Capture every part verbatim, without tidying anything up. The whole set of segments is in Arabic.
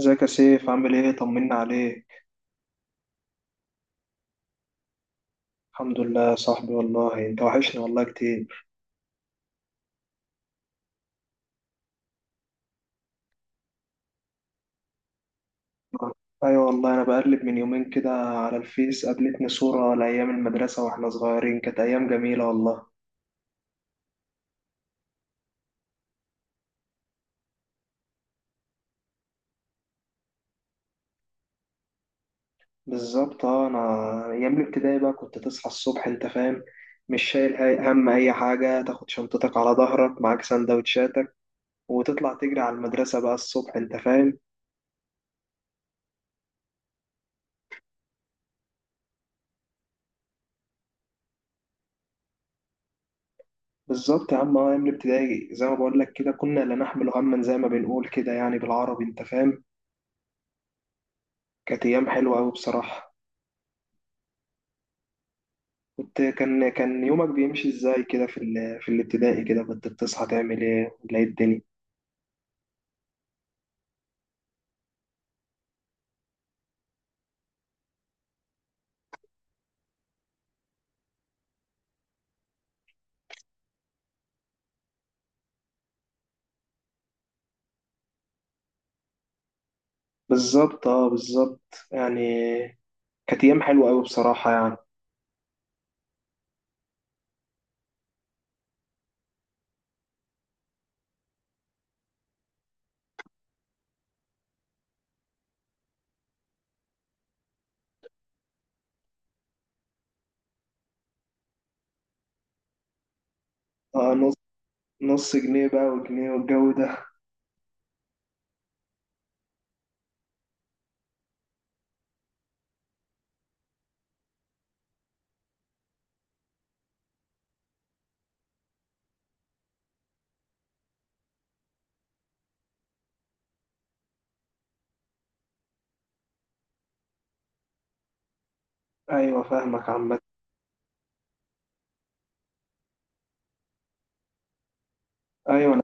ازيك يا سيف، عامل ايه؟ طمنا عليك. الحمد لله يا صاحبي، والله انت وحشني والله كتير. ايوه والله، انا بقلب من يومين كده على الفيس، قابلتني صورة لايام المدرسة واحنا صغيرين. كانت ايام جميلة والله. بالظبط اه، انا ايام الابتدائي بقى كنت تصحى الصبح انت فاهم. مش شايل هاي- هم اي حاجة، تاخد شنطتك على ظهرك معاك سندوتشاتك وتطلع تجري على المدرسة بقى الصبح انت فاهم. بالظبط يا عم اه، ايام الابتدائي زي ما بقول لك كده كنا لا نحمل هما، زي ما بنقول كده، يعني بالعربي انت فاهم. كانت أيام حلوة أوي بصراحة. كنت كان كان يومك بيمشي إزاي كده في ال... في الابتدائي كده؟ كنت بتصحى تعمل إيه ولا إيه الدنيا؟ بالظبط أه، بالظبط يعني. كانت أيام حلوة أوي بصراحة يعني. أه، نص نص جنيه بقى وجنيه والجو ده. أيوة فاهمك عامة. أيوة أنا.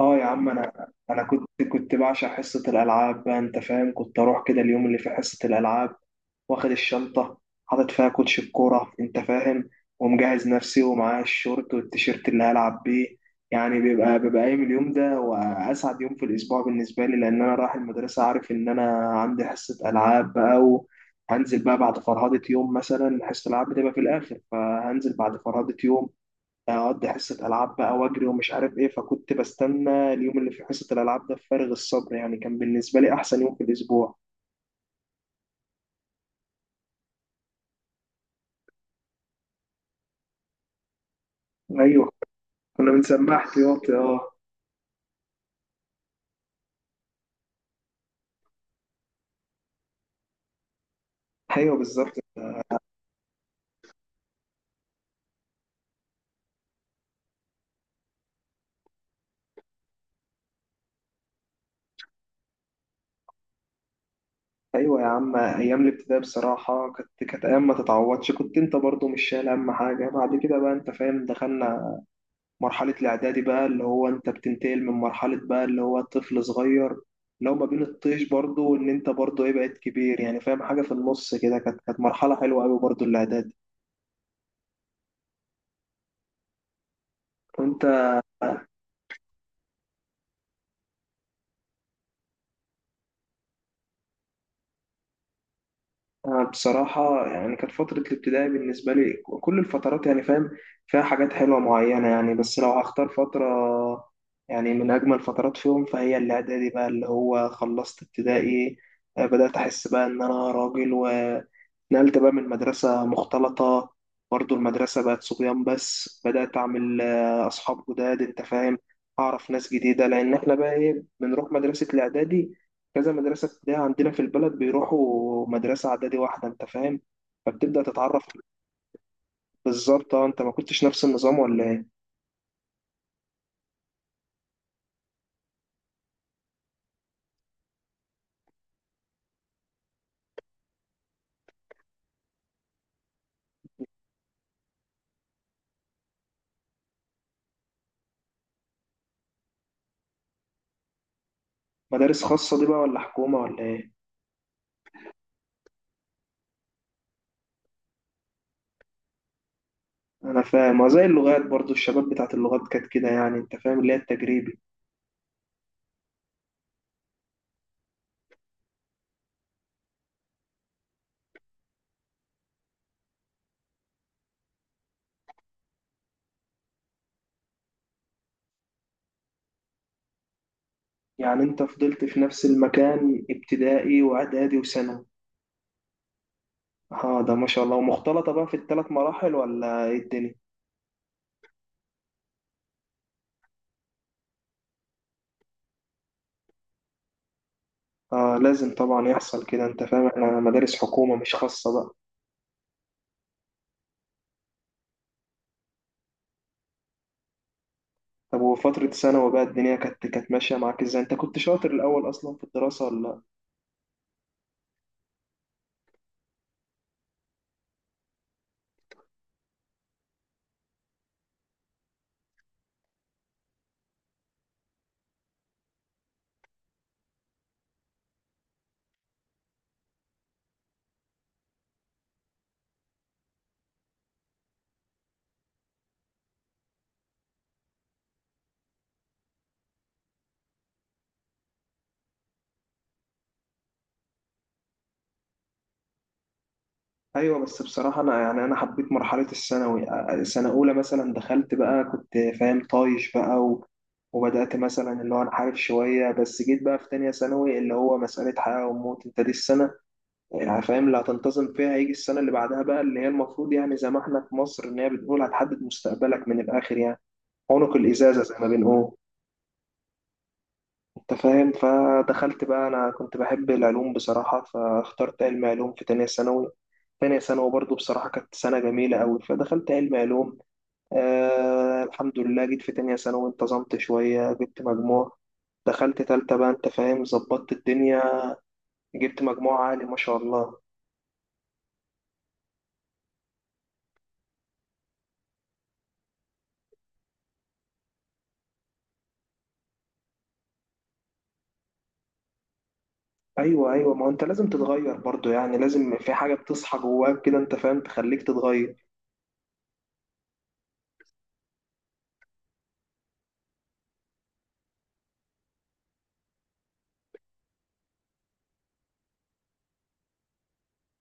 أه يا عم، أنا أنا كنت كنت بعشق حصة الألعاب بقى أنت فاهم، كنت أروح كده اليوم اللي في حصة الألعاب، واخد الشنطة، حاطط فيها كوتش الكورة انت فاهم، ومجهز نفسي ومعايا الشورت والتيشيرت اللي هلعب بيه. يعني بيبقى بيبقى قايم اليوم ده وأسعد يوم في الأسبوع بالنسبة لي، لأن أنا رايح المدرسة عارف إن أنا عندي حصة ألعاب بقى. وهنزل بقى بعد فرهدة يوم، مثلا حصة الألعاب بتبقى في الآخر، فهنزل بعد فرهدة يوم، أقضي حصة ألعاب بقى وأجري ومش عارف إيه. فكنت بستنى اليوم اللي في حصة الألعاب ده بفارغ الصبر، يعني كان بالنسبة لي أحسن يوم في الأسبوع. أيوه، كنا بنسبح ياطي اه. ايوه بالظبط. ايوه يا عم، ايام الابتدائي بصراحه كانت كانت ايام ما تتعوضش، كنت انت برضو مش شايل اهم حاجه. بعد كده بقى انت فاهم، دخلنا مرحله الاعدادي بقى، اللي هو انت بتنتقل من مرحله بقى اللي هو طفل صغير، اللي هو ما بين الطيش برضو ان انت برضو ايه بقيت كبير، يعني فاهم حاجه في النص كده. كانت كانت مرحله حلوه قوي برضو الاعدادي. وانت. أنا بصراحة يعني كانت فترة الابتدائي بالنسبة لي كل الفترات يعني فاهم، فيها حاجات حلوة معينة يعني. بس لو هختار فترة، يعني من أجمل فترات فيهم، فهي الإعدادي بقى، اللي هو خلصت ابتدائي، آه، بدأت أحس بقى إن أنا راجل، نقلت بقى من مدرسة مختلطة. برضو المدرسة بقت صبيان، بس بدأت أعمل آه، أصحاب جداد أنت فاهم، أعرف ناس جديدة، لأن إحنا بقى إيه بنروح مدرسة الإعدادي. كذا مدرسة ابتدائية عندنا في البلد بيروحوا مدرسة إعدادي واحدة أنت فاهم، فبتبدأ تتعرف. بالظبط أه. أنت ما كنتش نفس النظام ولا إيه؟ مدارس خاصة دي بقى ولا حكومة ولا إيه؟ أنا فاهم، وزي اللغات برضو، الشباب بتاعت اللغات كانت كده يعني أنت فاهم، اللي هي التجريبي. يعني أنت فضلت في نفس المكان ابتدائي وإعدادي وثانوي. اه ده ما شاء الله، ومختلطة بقى في الثلاث مراحل ولا ايه الدنيا؟ اه لازم طبعا يحصل كده انت فاهم، احنا مدارس حكومة مش خاصة بقى. طب وفترة ثانوي بقى الدنيا كانت كانت ماشية معاك ازاي؟ انت كنت شاطر الأول أصلا في الدراسة ولا لأ؟ أيوه، بس بصراحة أنا يعني أنا حبيت مرحلة الثانوي. آه، سنة أولى مثلا دخلت بقى كنت فاهم طايش بقى و... وبدأت مثلا اللي هو أنحرف شوية، بس جيت بقى في تانية ثانوي اللي هو مسألة حياة وموت، انت دي السنة يعني فاهم اللي هتنتظم فيها، هيجي السنة اللي بعدها بقى اللي هي المفروض، يعني زي ما احنا في مصر ان هي بتقول هتحدد مستقبلك من الآخر يعني، عنق الإزازة زي ما بنقول. انت فاهم، فدخلت بقى، انا كنت بحب العلوم بصراحة، فاخترت علم علوم في تانية ثانوي. تانية ثانوي برضو بصراحة كانت سنة جميلة أوي، فدخلت علم علوم. آه الحمد لله جيت في تانية ثانوي، انتظمت شوية، جبت مجموع، دخلت تالتة بقى انت فاهم، ظبطت الدنيا، جبت مجموع عالي ما شاء الله. ايوه، ايوه، ما هو انت لازم تتغير برضو يعني، لازم في حاجه بتصحى جواك كده انت فاهم، تخليك تتغير.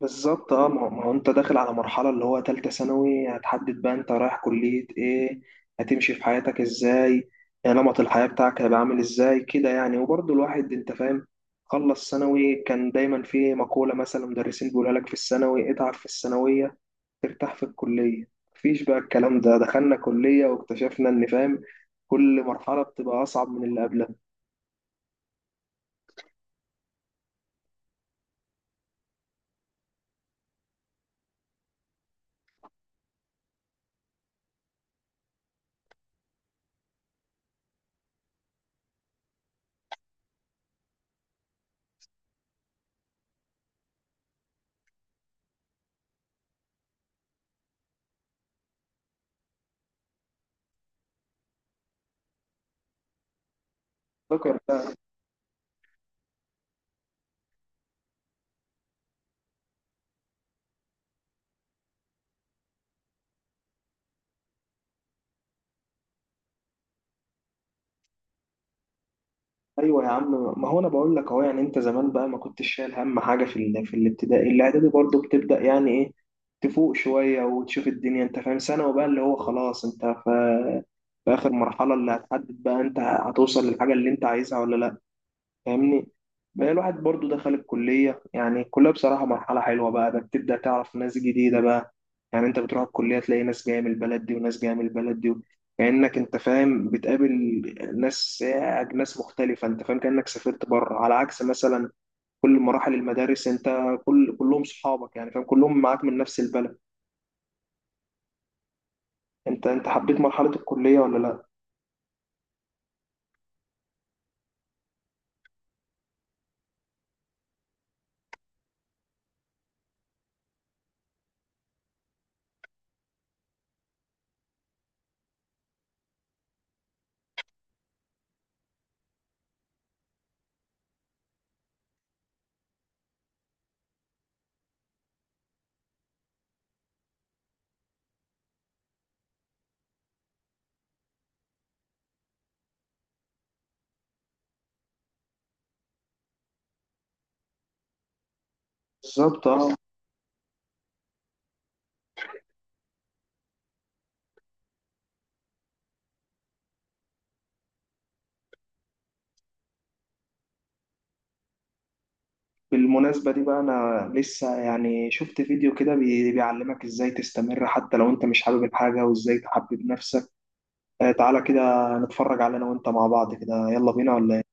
بالظبط اه، ما هو ما هو انت داخل على مرحله اللي هو تالتة ثانوي، هتحدد بقى انت رايح كليه ايه، هتمشي في حياتك ازاي، آه، نمط الحياه بتاعك هيبقى عامل ازاي كده يعني. وبرضو الواحد انت فاهم، خلص ثانوي كان دايما في مقوله مثلا مدرسين بيقولها لك في الثانوي، اتعب في الثانويه ترتاح في الكليه. مفيش بقى الكلام ده، دخلنا كليه واكتشفنا ان فاهم كل مرحله بتبقى اصعب من اللي قبلها. فاكر بقى. ايوه يا عم، ما هو انا بقول لك اهو، يعني انت زمان بقى ما كنتش شايل هم حاجه في ال... في الابتدائي. الاعدادي برضه بتبدا، يعني ايه، تفوق شويه وتشوف الدنيا انت فاهم. ثانوي بقى اللي هو خلاص، انت في في اخر مرحله اللي هتحدد بقى انت هتوصل للحاجه اللي انت عايزها ولا لا، فاهمني. بقى الواحد برضو دخل الكلية، يعني الكلية بصراحة مرحلة حلوة بقى، ده بتبدأ تعرف ناس جديدة بقى. يعني انت بتروح الكلية تلاقي ناس جاية من البلد دي وناس جاية من البلد دي. كأنك انت فاهم بتقابل ناس ناس مختلفة انت فاهم. كأنك سافرت بره، على عكس مثلا كل مراحل المدارس، انت كل كلهم صحابك يعني فاهم، كلهم معاك من نفس البلد. انت انت حبيت مرحلة الكلية ولا لا؟ بالظبط اه. بالمناسبة دي بقى أنا لسه يعني شفت فيديو كده بي- بيعلمك إزاي تستمر حتى لو أنت مش حابب الحاجة وإزاي تحبب نفسك. آه، تعالى كده نتفرج على، أنا وأنت مع بعض كده، يلا بينا ولا إيه؟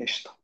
قشطة.